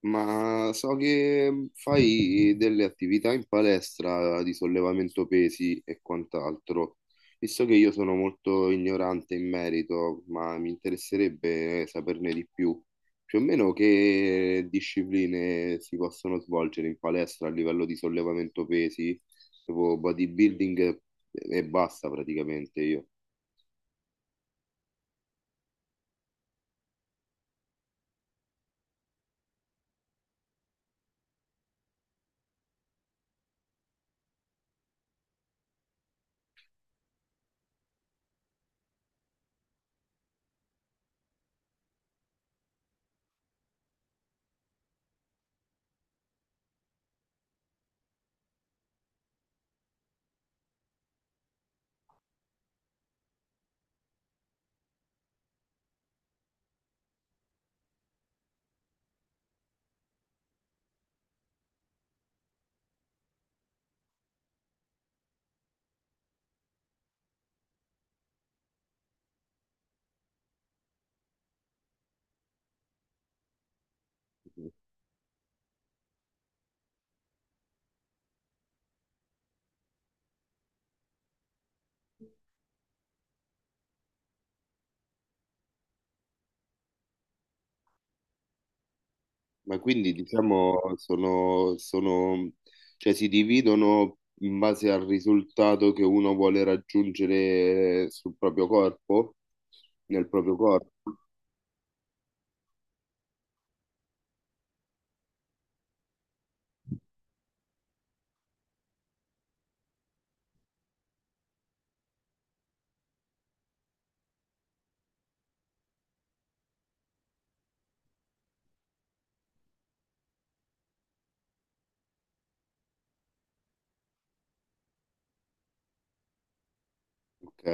Ma so che fai delle attività in palestra di sollevamento pesi e quant'altro. Visto che io sono molto ignorante in merito, ma mi interesserebbe saperne di più. Più o meno che discipline si possono svolgere in palestra a livello di sollevamento pesi, tipo bodybuilding e basta praticamente io. Ma quindi diciamo cioè si dividono in base al risultato che uno vuole raggiungere sul proprio corpo, nel proprio corpo, ok?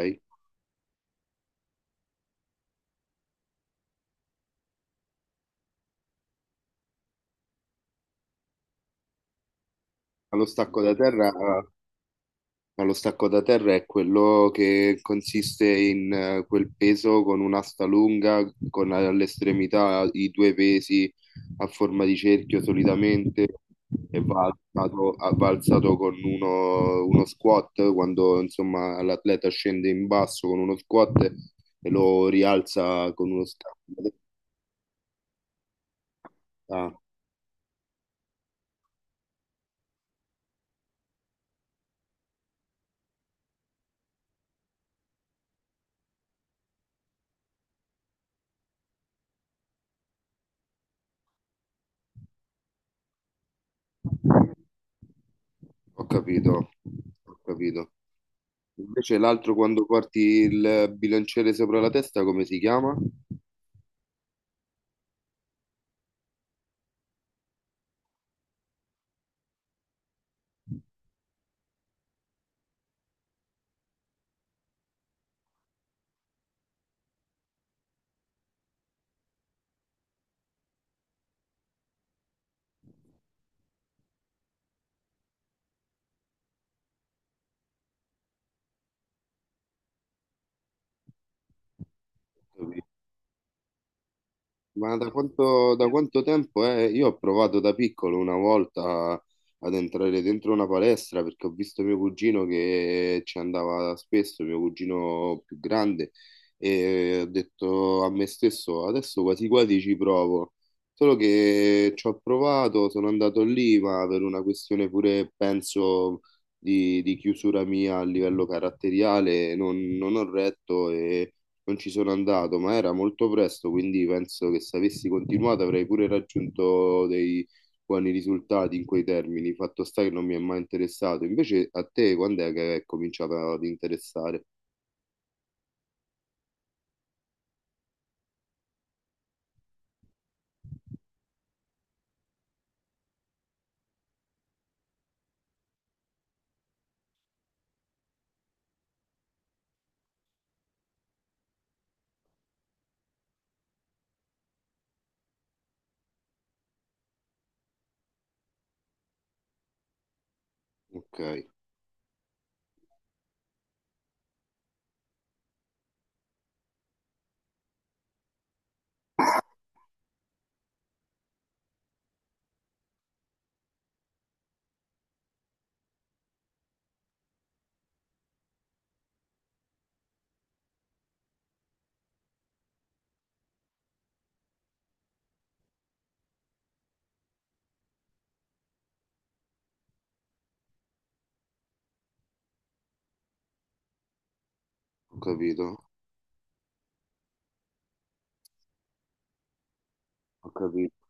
Ma lo stacco da terra. Ma lo stacco da terra è quello che consiste in quel peso con un'asta lunga, con all'estremità i due pesi a forma di cerchio solitamente e va alzato, va alzato con uno squat quando insomma l'atleta scende in basso con uno squat e lo rialza con uno stacco. Ah, ho capito, ho capito. Invece l'altro quando porti il bilanciere sopra la testa, come si chiama? Ma da da quanto tempo è? Io ho provato da piccolo una volta ad entrare dentro una palestra perché ho visto mio cugino che ci andava spesso, mio cugino più grande, e ho detto a me stesso, adesso quasi quasi ci provo. Solo che ci ho provato, sono andato lì, ma per una questione pure, penso, di chiusura mia a livello caratteriale, non ho retto e non ci sono andato, ma era molto presto, quindi penso che se avessi continuato avrei pure raggiunto dei buoni risultati in quei termini. Fatto sta che non mi è mai interessato. Invece a te quando è che è cominciato ad interessare? Ok, ho capito, ho capito.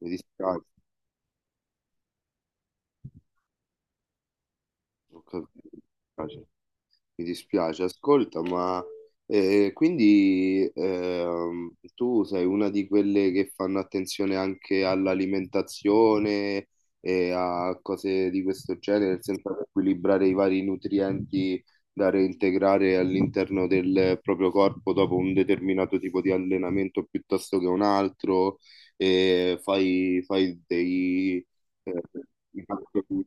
Mi dispiace, ho capito. Mi dispiace. Mi dispiace, ascolta, ma quindi tu sei una di quelle che fanno attenzione anche all'alimentazione e a cose di questo genere, nel senso ad equilibrare i vari nutrienti da reintegrare all'interno del proprio corpo dopo un determinato tipo di allenamento piuttosto che un altro, e fai dei... eh, dei calcoli.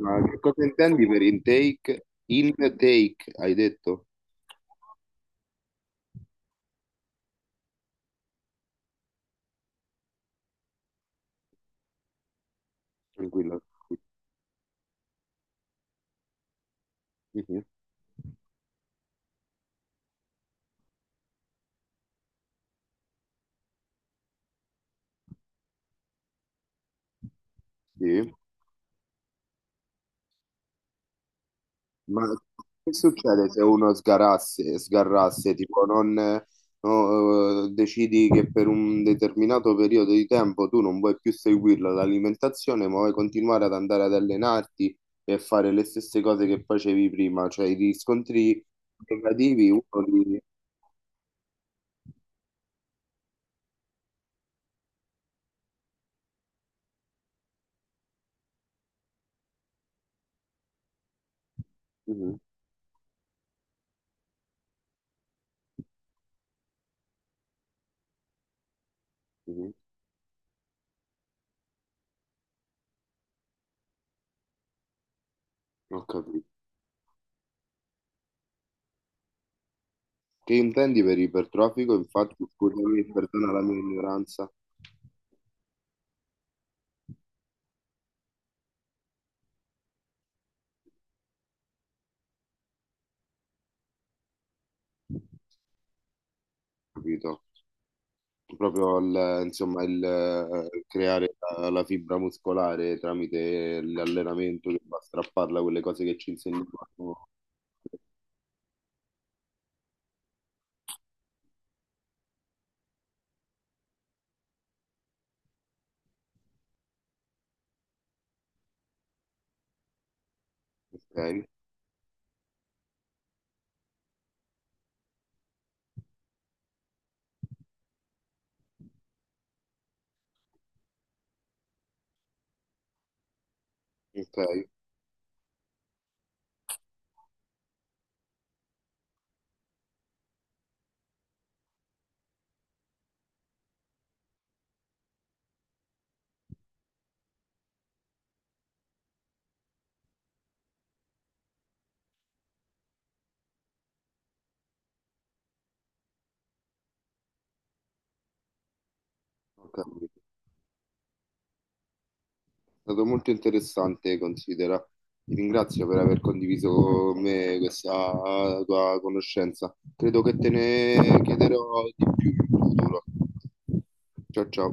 Ma che cosa intendi per intake? Intake, hai detto? Tranquillo. Mhm. Sì. Ma che succede se uno sgarrasse, tipo non, no, decidi che per un determinato periodo di tempo tu non vuoi più seguirla l'alimentazione, ma vuoi continuare ad andare ad allenarti e fare le stesse cose che facevi prima, cioè i riscontri negativi uno li... Mhm. Mhm. Ho capito. Che intendi per ipertrofico? Infatti, scusami, perdona la mia ignoranza, capito? Proprio insomma, il creare la fibra muscolare tramite l'allenamento che va a strapparla, quelle cose che ci insegnano. Ok, ok, ho capito. È stato molto interessante, considera. Ti ringrazio per aver condiviso con me questa tua conoscenza. Credo che te ne chiederò di più in futuro. Ciao ciao.